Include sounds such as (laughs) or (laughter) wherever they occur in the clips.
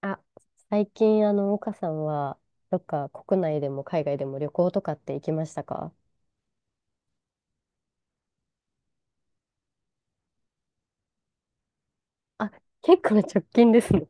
あ、最近、岡さんは、どっか国内でも海外でも旅行とかって行きましたか？あ、結構直近ですね。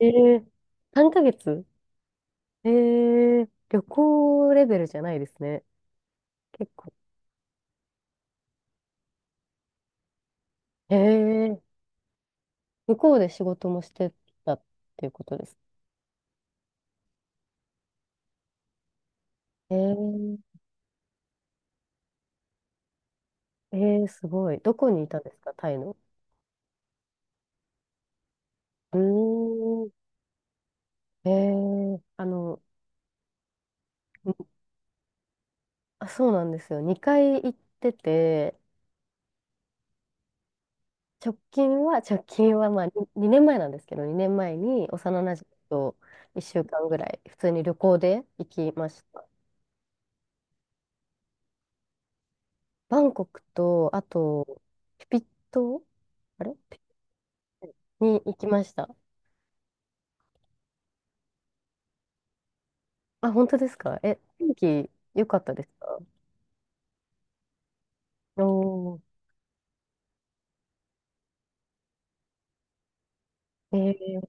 (laughs) えー、3ヶ月。旅行レベルじゃないですね。結構。えー、向こうで仕事もしてたっていうことです。えー、えすごい。どこにいたんですか、タイの。うーん。えー、あの、あ、そうなんですよ。2回行ってて、直近はまあに2年前なんですけど、2年前に幼なじみと1週間ぐらい、普通に旅行で行きました。バンコクと、あと、ピピ島あれに行きました。あ、本当ですか？天気良かったですか？おー、えー、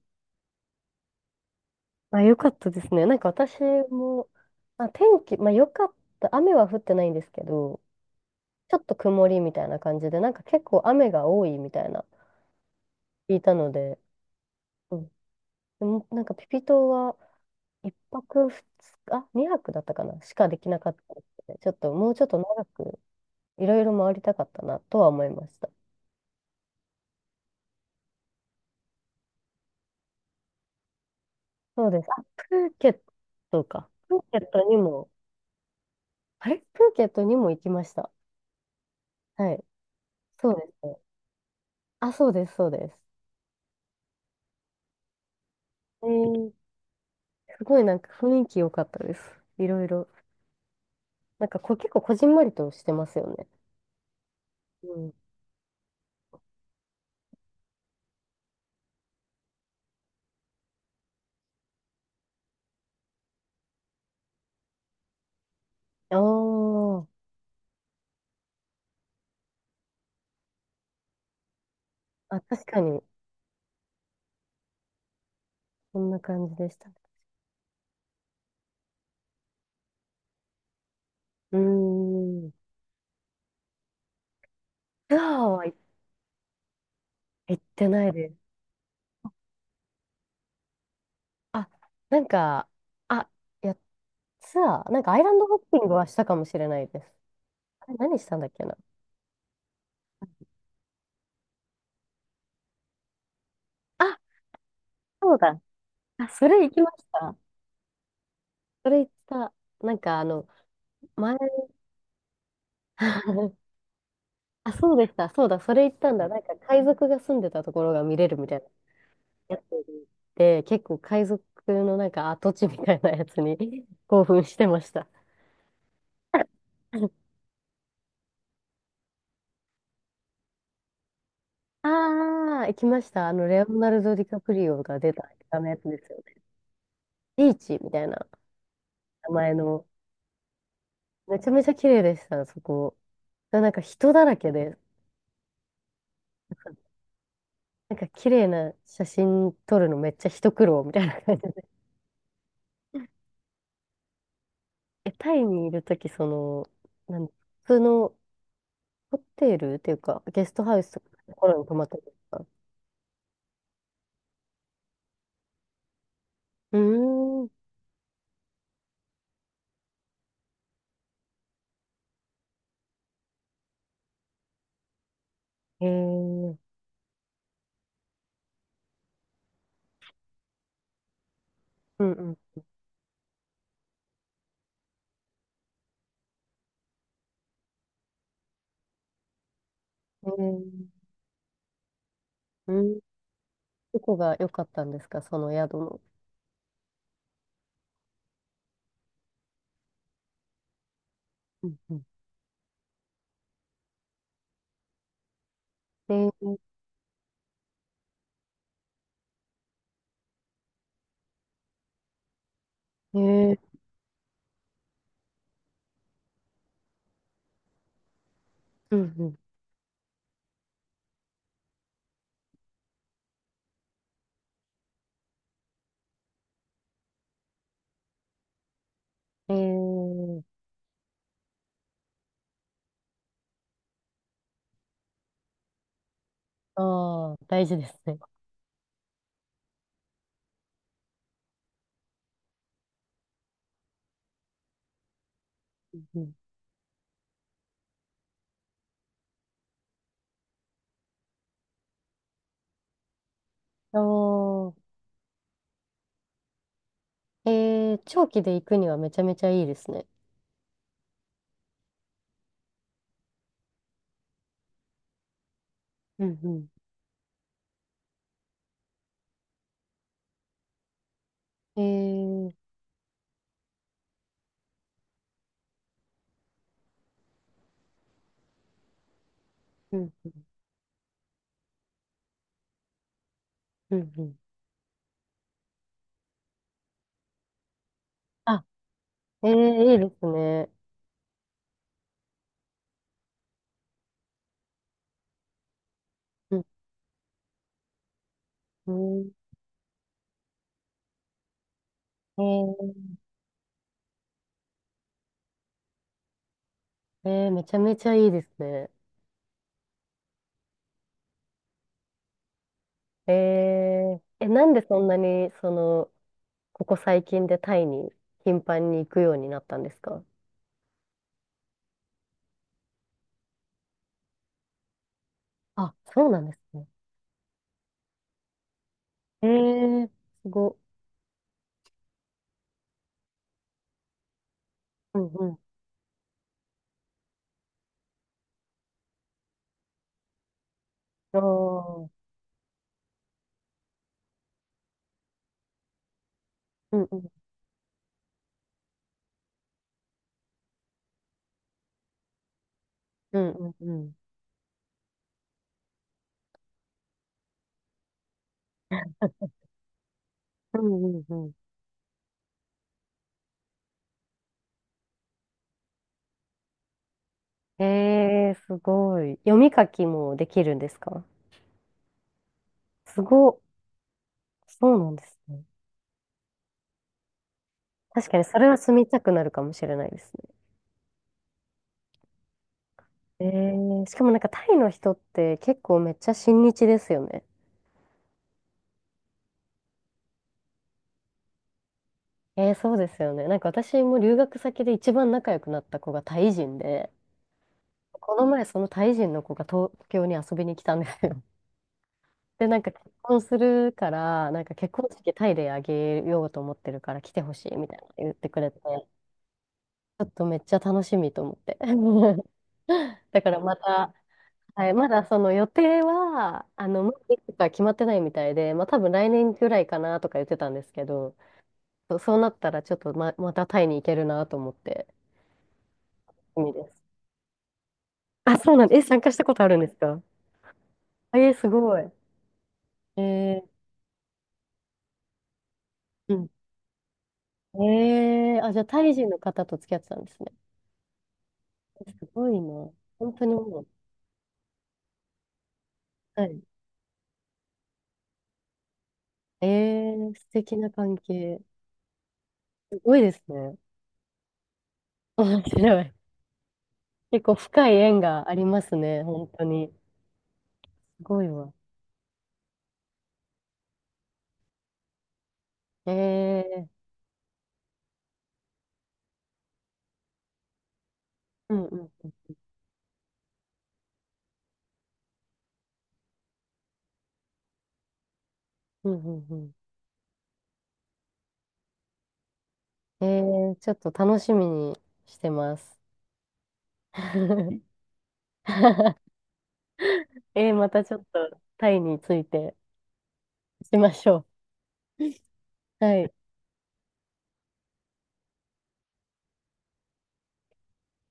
あ、良かったですね。なんか私も、あ、天気、まあ良かった、雨は降ってないんですけど、ちょっと曇りみたいな感じで、なんか結構雨が多いみたいな、聞いたので、うん。でもなんかピピ島は1泊2日、2泊だったかなしかできなかったので、ちょっともうちょっと長くいろいろ回りたかったなとは思いました。そうです。あ、プーケットか。プーケットにも行きました。はい。そうですね。あ、そうです、そうです。えー、すごいなんか雰囲気良かったです。いろいろ。なんか結構こじんまりとしてますよね。うん。あーあ、確かに、そんな感じでした。うーん。ツアーは行ってないです。あ、なんか、あ、いや、ツアー、なんかアイランドホッピングはしたかもしれないです。あれ何したんだっけな。あ、そうだ。あ、それ行きました。それ行った、なんか前、(laughs) あ、そうでした、そうだ、それ行ったんだ。なんか海賊が住んでたところが見れるみたいなやつで、結構海賊のなんか跡地みたいなやつに (laughs) 興奮してました。(laughs) ああ、行きました。レオナルド・ディカプリオが出た、あのやつですよね。ビーチみたいな名前の、めちゃめちゃ綺麗でした、そこ。なんか人だらけで、なんか綺麗な写真撮るのめっちゃ一苦労みたいな感じで。(laughs) タイにいるとき、普通のホテルっていうか、ゲストハウスとかのところに泊まってるんですか？うーん。えー、うんうん。えー、うん。どこが良かったんですか、その宿の。うんうん。えー、えー、うんうん。ああ、大事ですね。うん。ああ、長期で行くにはめちゃめちゃいいですね。うんうん。ー、うん、うん、うん。あ、いいですね。うんうんえめちゃめちゃいいですね。えなんでそんなに、ここ最近でタイに頻繁に行くようになったんですか？あ、そうなんですね。えすご。うんうん。ああ。うんうん。うんうんうん。うんうんうんすごい。読み書きもできるんですか？すごっ。そうなんですね。確かにそれは住みたくなるかもしれないですね。えしかもなんかタイの人って結構めっちゃ親日ですよね。そうですよね。なんか私も留学先で一番仲良くなった子がタイ人で、この前そのタイ人の子が東京に遊びに来たんですよ。(laughs) で、なんか結婚するから、なんか結婚式タイであげようと思ってるから来てほしいみたいな言ってくれて。ちょっとめっちゃ楽しみと思って。(laughs) だからまた、はい、まだその予定は、まだいつか決まってないみたいで、まあ多分来年ぐらいかなとか言ってたんですけど、そうそうなったらちょっとまたタイに行けるなと思って、意味です。あ、そうなんです。え、参加したことあるんですか？あ、すごい。えー、うん。あ、じゃあタイ人の方と付き合ってたんですね。すごいな。本当にもう、はい。素敵な関係。すごいですね。面白い。結構深い縁がありますね、本当に。すごいわ。ええ、うんうん。うんうんうんうん。ええ、ちょっと楽しみにしてます。(laughs) またちょっとタイについてしましょう。(laughs) はい。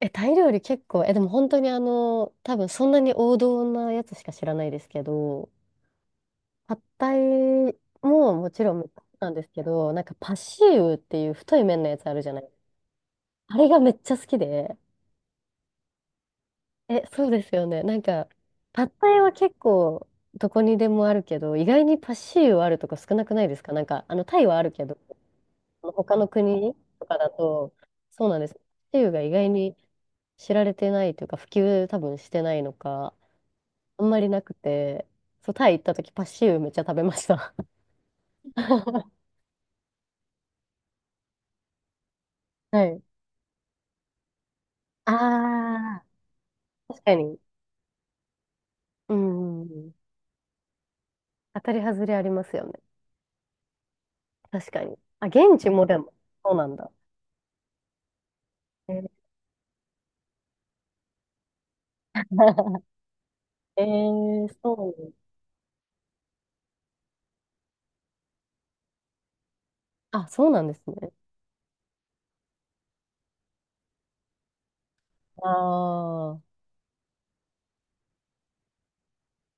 え、タイ料理結構、でも本当に多分そんなに王道なやつしか知らないですけど、パッタイももちろんなんですけど、なんかパシーウっていう太い麺のやつあるじゃない。あれがめっちゃ好きで、え、そうですよね。なんか、パッタイは結構どこにでもあるけど、意外にパッシーユあるとこ少なくないですか？なんか、タイはあるけど、他の国とかだと、そうなんです。パッシーユが意外に知られてないというか、普及多分してないのか、あんまりなくて、そう、タイ行った時パッシーユめっちゃ食べました。(laughs) はい。ああ、確かに。うん。うんうん、当たり外れありますよね。確かに。あ、現地もでも、そうなんだ。えー (laughs) ええ、そう。あ、そうなんですね。ああ。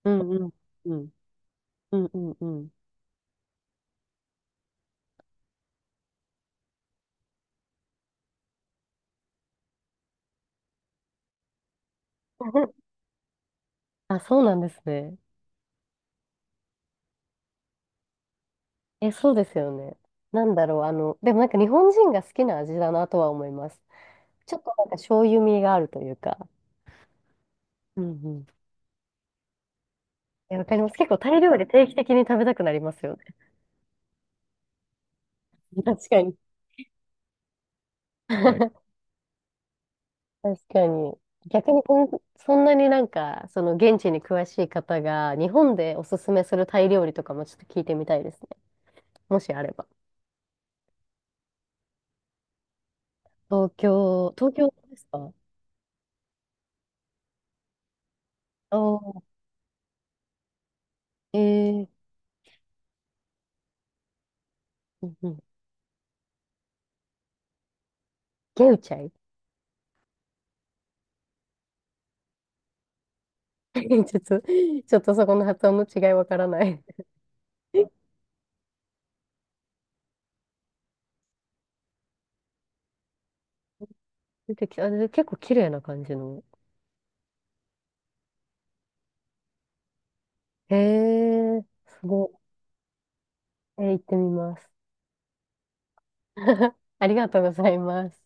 うんうんうん。うんうんうん。(laughs) あ、そうなんですね。え、そうですよね。なんだろう、でもなんか日本人が好きな味だなとは思います。ちょっとなんか醤油味があるというか。うんうん。え、わかります。結構タイ料理定期的に食べたくなりますよね。(laughs) 確かに。(laughs) 確かに。逆にそんなになんか、その現地に詳しい方が、日本でおすすめするタイ料理とかもちょっと聞いてみたいですね。もしあれば。東京、東京ですか？おー、えー、うんうん、ゲウチャイ。 (laughs) ちょっと、(laughs) ちょっとそこの発音の違いわからない。出てきあで結構綺麗な感じの。へえ、すごい。行ってみます。(laughs) ありがとうございます。